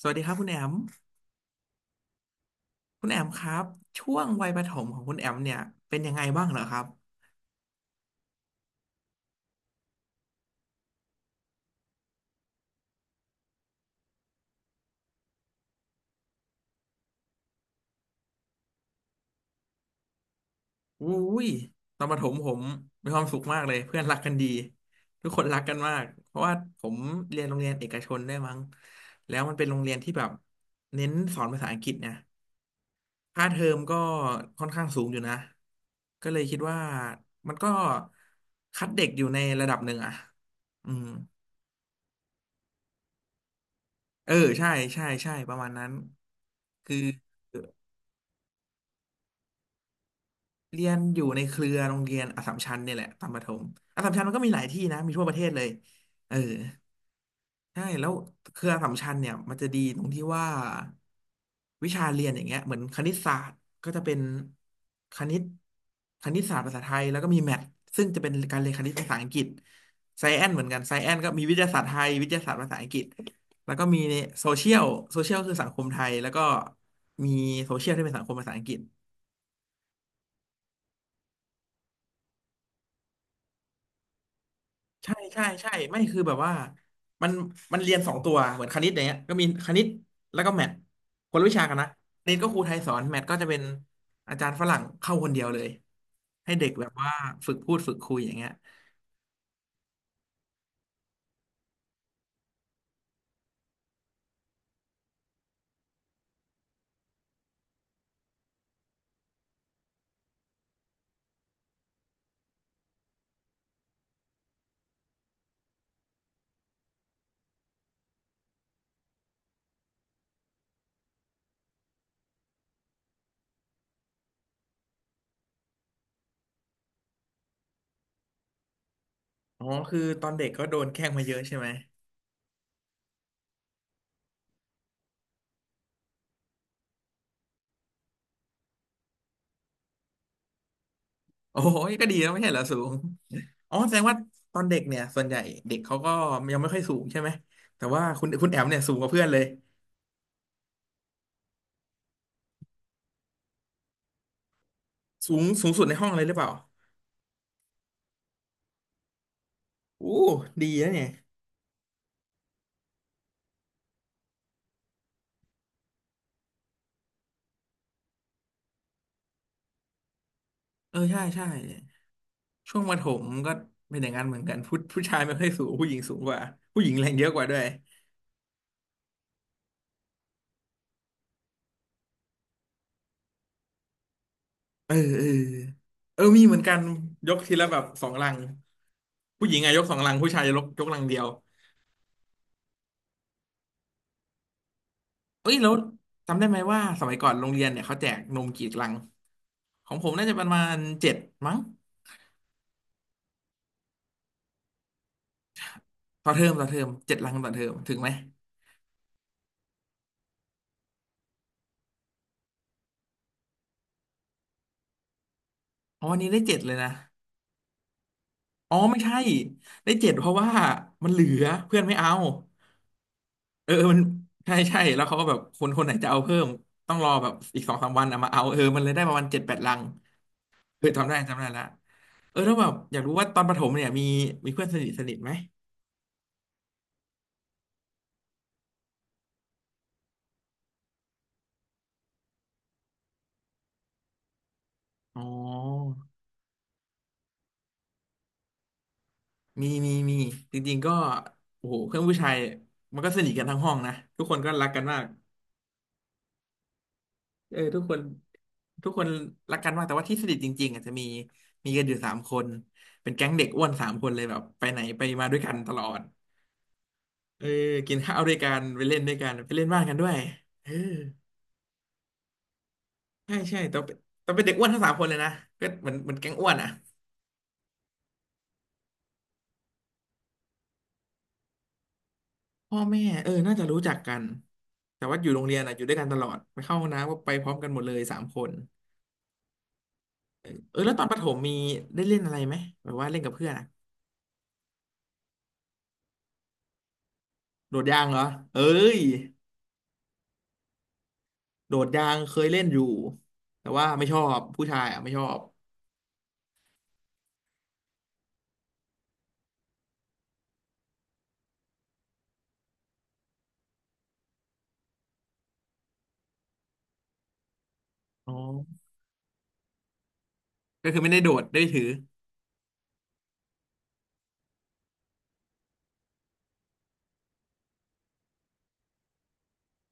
สวัสดีครับคุณแอม คุณแอมครับช่วงวัยประถมของคุณแอมเนี่ยเป็นยังไงบ้างเหรอครับอุ้ยตอนประถมผมมีความสุขมากเลยเพื่อนรักกันดีทุกคนรักกันมากเพราะว่าผมเรียนโรงเรียนเอกชนได้วยมั้งแล้วมันเป็นโรงเรียนที่แบบเน้นสอนภาษาอังกฤษเนี่ยค่าเทอมก็ค่อนข้างสูงอยู่นะก็เลยคิดว่ามันก็คัดเด็กอยู่ในระดับหนึ่งอะอืมเออใช่ใช่ใช่ประมาณนั้นคือ เรียนอยู่ในเครือโรงเรียนอัสสัมชัญเนี่ยแหละตอนประถมอัสสัมชัญมันก็มีหลายที่นะมีทั่วประเทศเลยเออใช่แล้วเครืออัสสัมชัญเนี่ยมันจะดีตรงที่ว่าวิชาเรียนอย่างเงี้ยเหมือนคณิตศาสตร์ก็จะเป็นคณิตคณิตศาสตร์ภาษาไทยแล้วก็มีแมทซึ่งจะเป็นการเรียนคณิตภาษาอังกฤษไซแอนเหมือนกันไซแอนก็มีวิทยาศาสตร์ไทยวิทยาศาสตร์ภาษาอังกฤษแล้วก็มีโซเชียลโซเชียลคือสังคมไทยแล้วก็มีโซเชียลที่เป็นสังคมภาษาอังกฤษ ใช่ใช่ใช่ไม่คือแบบว่ามันมันเรียนสองตัวเหมือนคณิตอย่างเงี้ยก็มีคณิตแล้วก็แมทคนละวิชากันนะคณิตก็ครูไทยสอนแมทก็จะเป็นอาจารย์ฝรั่งเข้าคนเดียวเลยให้เด็กแบบว่าฝึกพูดฝึกคุยอย่างเงี้ยอ๋อคือตอนเด็กก็โดนแกล้งมาเยอะใช่ไหมโอ้โหก็ดีแล้วไม่ใช่เหรอสูงอ๋อแสดงว่าตอนเด็กเนี่ยส่วนใหญ่เด็กเขาก็ยังไม่ค่อยสูงใช่ไหมแต่ว่าคุณคุณแอมเนี่ยสูงกว่าเพื่อนเลยสูงสูงสุดในห้องเลยหรือเปล่าอู้ดีนะเนี่ยเออใช่ใช่ ช่วงประถมก็เป็นอย่างนั้นเหมือนกันผู้ชายไม่ค่อยสูงผู้หญิงสูงกว่าผู้หญิงแรงเยอะกว่าด้วยเออเออเออมีเหมือนกันยกทีละแบบสองลังผู้หญิงอะยกสองลังผู้ชายยกลังเดียวเอ้ยแล้วจำได้ไหมว่าสมัยก่อนโรงเรียนเนี่ยเขาแจกนมกี่ลังของผมน่าจะประมาณเจ็ดมั้งต่อเทอมต่อเทอมเจ็ดลังต่อเทอมถึงไหมอ๋อวันนี้ได้เจ็ดเลยนะอ๋อไม่ใช่ได้เจ็ดเพราะว่ามันเหลือเพื่อนไม่เอา เออเออมันใช่ใช่แล้วเขาก็แบบคนคนไหนจะเอาเพิ่มต้องรอแบบอีกสองสามวันเอามาเอาเออมันเลยได้ประมาณเจ็ดแปดลังเออจำได้จำได้ละเออแล้วแบบอยากรู้ว่าตอนประถมเนี่ยมีมีเพื่อนสนิทสนิทไหมอ๋อมีมีมีจริงๆก็โอ้โหเพื่อนผู้ชายมันก็สนิทกันทั้งห้องนะทุกคนก็รักกันมากเออทุกคนทุกคนรักกันมากแต่ว่าที่สนิทจริงๆอาจจะมีกันอยู่สามคนเป็นแก๊งเด็กอ้วนสามคนเลยแบบไปไหนไปมาด้วยกันตลอด เออกินข้าวด้วยกันไปเล่นด้วยกันไปเล่นบ้านกันด้วยเออใช่ใช่ตอนเป็นเด็กอ้วนทั้งสามคนเลยนะก็เหมือนแก๊งอ้วนอ่ะพ่อแม่เออน่าจะรู้จักกันแต่ว่าอยู่โรงเรียนอ่ะอยู่ด้วยกันตลอดไปเข้าห้องน้ำก็ไปพร้อมกันหมดเลยสามคนเออแล้วตอนประถมมีได้เล่นอะไรไหมแบบว่าเล่นกับเพื่อนอะโดดยางเหรอเอ้ยโดดยางเคยเล่นอยู่แต่ว่าไม่ชอบผู้ชายอ่ะไม่ชอบอ๋อก็คือไม่ได้โดดได้ถือ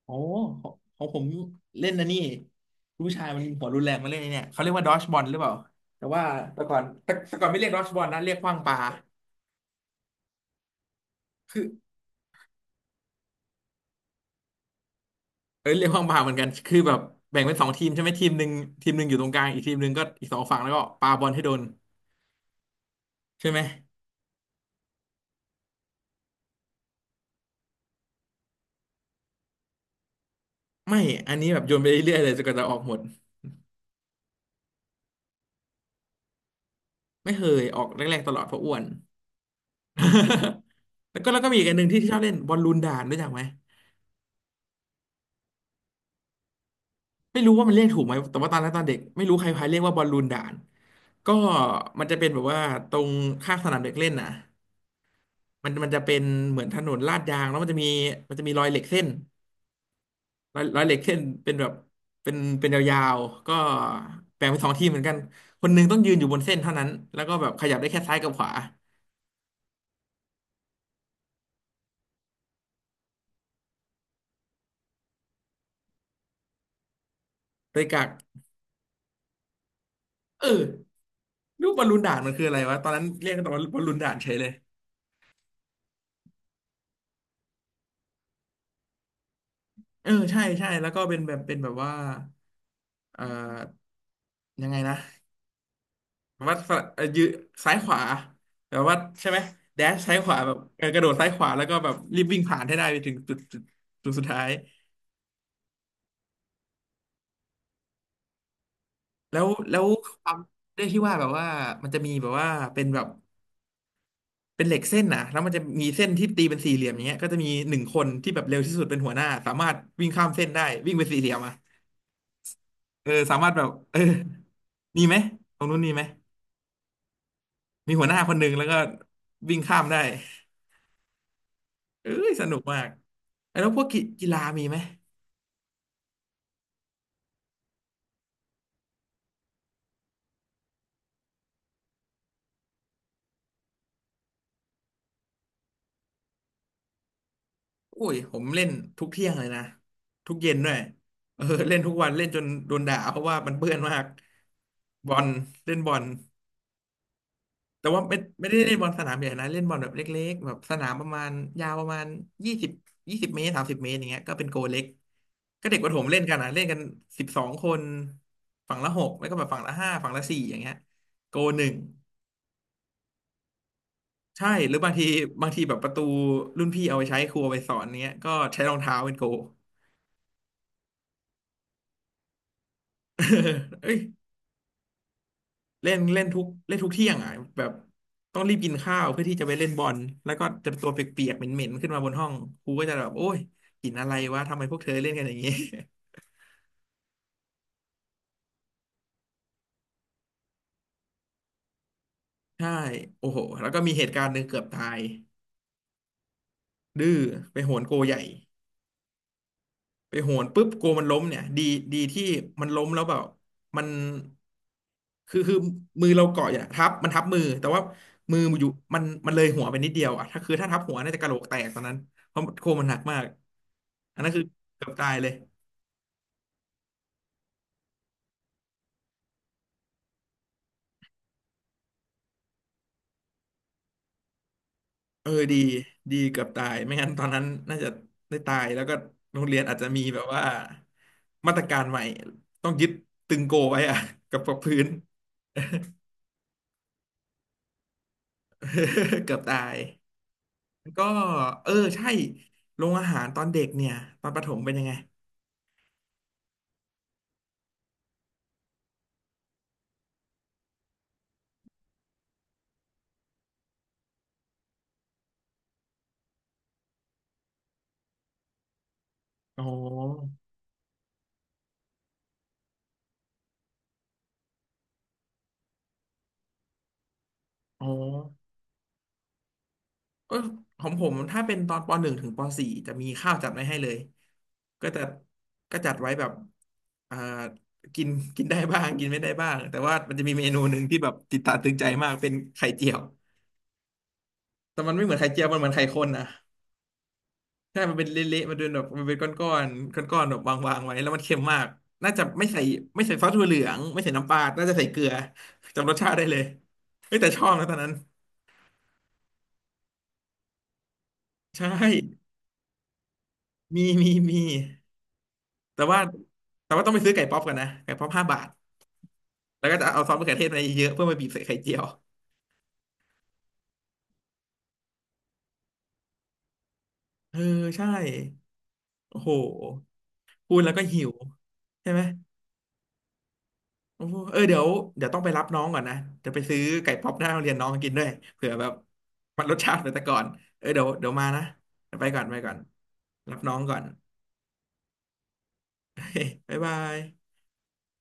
โอ้ของของผมเล่นนะนนี่ผู้ชายมันหัวรุนแรงมาเล่นไอ้เนี่ยเขาเรียกว่าดอชบอลหรือเปล่าแต่ว่าแต่ก่อนแต่แต่ก่อนไม่เรียกดอชบอลนะเรียกขว้างปลาคือเออเรียกขว้างปลาเหมือนกันคือแบบแบ่งเป็นสองทีมใช่ไหมทีมหนึ่งอยู่ตรงกลางอีกทีมหนึ่งก็อีกสองฝั่งแล้วก็ปาบอลให้โดนใช่ไหมไม่อันนี้แบบโยนไปเรื่อยๆเลยจนกว่าจะออกหมดไม่เคยออกแรกๆตลอดเพราะอ้วน แล้วก็มีอีกอันหนึ่งที่ชอบเล่นบอลลูนด่านรู้จักไหมไม่รู้ว่ามันเรียกถูกไหมแต่ว่าตอนนั้นตอนเด็กไม่รู้ใครพาเรียกว่าบอลลูนด่าน ก็มันจะเป็นแบบว่าตรงข้างสนามเด็กเล่นน่ะมันจะเป็นเหมือนถนนลาดยางแล้วมันจะมีรอยเหล็กเส้นรอยเหล็กเส้นเป็นแบบเป็นเป็นยาวๆก็แบ่งเป็นสองทีมเหมือนกันคนหนึงต้องยืนอยู่บนเส้นเท่านั้นแล้วก็แบบขยับได้แค่ซ้ายกับขวาโดยกักเออรูปบอลลูนด่านมันคืออะไรวะตอนนั้นเรียกกันว่าบอลลูนด่านเฉยเลยเออใช่ใช่แล้วก็เป็นแบบเป็นแบบว่าเอ่อยังไงนะ วัดฝรั่งยืซ้ายขวาแบบว่าใช่ไหมแดชซ้ายขวาแบบเออกระโดดซ้ายขวาแล้วก็แบบรีบวิ่งผ่านให้ได้ไปถึงจุดสุดท้ายแล้วความด้วยที่ว่าแบบว่ามันจะมีแบบว่าเป็นแบบเป็นเหล็กเส้นนะแล้วมันจะมีเส้นที่ตีเป็นสี่เหลี่ยมอย่างเงี้ยก็จะมีหนึ่งคนที่แบบเร็วที่สุดเป็นหัวหน้าสามารถวิ่งข้ามเส้นได้วิ่งไปนสี่เหลี่ยมอ่ะเออสามารถแบบเออมีไหมตรงนู้นมีไหมมีหัวหน้าคนหนึ่งแล้วก็วิ่งข้ามได้เอ้ยสนุกมากแล้วพวกกีฬามีไหม อุ้ยผมเล่นทุกเที่ยงเลยนะทุกเย็นด้วยเออ เล่นทุกวันเล่นจนโดนด่าเพราะว่ามันเปื้อนมากบอลเล่นบอลแต่ว่าไม่ได้เล่นบอลสนามใหญ่นะเล่นบอลแบบเล็กๆแบบสนามประมาณยาวประมาณยี่สิบ20 เมตร30 เมตรอย่างเงี้ยก็เป็นโกเล็กก็เด็กประถมเล่นกันนะเล่นกัน12 คนฝั่งละหกแล้วก็แบบฝั่งละห้าฝั่งละสี่อย่างเงี้ยโกหนึ่งใช่หรือบางทีแบบประตูรุ่นพี่เอาไปใช้ครูเอาไปสอนเนี้ยก็ใช้รองเท้าเป็นโก เอ้ย เล่นเล่นทุกเล่นทุกเที่ยงอ่ะแบบต้องรีบกินข้าวเพื่อที่จะไปเล่นบอลแล้วก็จะตัวเปียกๆเหม็นๆขึ้นมาบนห้องครูก็จะแบบโอ้ยกินอะไรวะทำไมพวกเธอเล่นกันอย่างนี้ ใช่โอ้โหแล้วก็มีเหตุการณ์หนึ่งเกือบตายดื้อไปโหนโกใหญ่ ไปโหนปุ๊บกลัวมันล้มเนี่ยดีที่มันล้มแล้วแบบมันคือมือเราเกาะอยู่นะทับมือแต่ว่ามืออยู่มันเลยหัวไปนิดเดียวอ่ะถ้าคือถ้าทับหัวน่าจะกะโหลกแตกตอนนั้นเพราะโคมันหนักมากอันนั้นคือเกือบตายเลยเออดีเกือบตายไม่งั้นตอนนั้นน่าจะได้ตายแล้วก็โรงเรียนอาจจะมีแบบว่ามาตรการใหม่ต้องยึดตึงโกไว้อะกับพื้น เกือบตาย ก็เออใช่โรงอาหารตอนเด็กเนี่ยตอนประถมเป็นยังไงอ๋ออ๋อก็ของผมถ้าเป็นตอนปหนึ่งถึงปสี่จะมีข้าวจัดไว้ให้เลยก็จะจัดไว้แบบอ่ากินกินได้บ้างกินไม่ได้บ้างแต่ว่ามันจะมีเมนูหนึ่งที่แบบติดตาตึงใจมากเป็นไข่เจียวแต่มันไม่เหมือนไข่เจียวมันเหมือนไข่ข้นนะ ใช่มันเป็นเละๆมันเป็นแบบมันเป็นก้อนๆก้อนๆแบบวางๆไว้ แล้วมันเค็มมากน่าจะไม่ใส่ซอสถั่วเหลืองไม่ใส่น้ำปลาน่าจะใส่เกลือจำรสชาติได้เลยเฮ้ยแต่ชอบนะตอนนั้นใช่ มีแต่ว่าต้องไปซื้อไก่ป๊อปกันนะไก่ป๊อป5 บาท แล้วก็จะเอาซอสมะเขือเทศมาเยอะๆเพื่อมาบีบใส่ไข่เจียวเออใช่โอ้โหพูดแล้วก็หิวใช่ไหม โอ้เออเดี๋ยวต้องไปรับน้องก่อนนะจะไปซื้อไก่ป๊อปหน้าโรงเรียนน้องกินด้วยเผื่อแบบมันรสชาติเหมือนแต่ก่อนเออเดี๋ยวมานะเดี๋ยวไปก่อนรับน้องก่อน บ๊ายบาย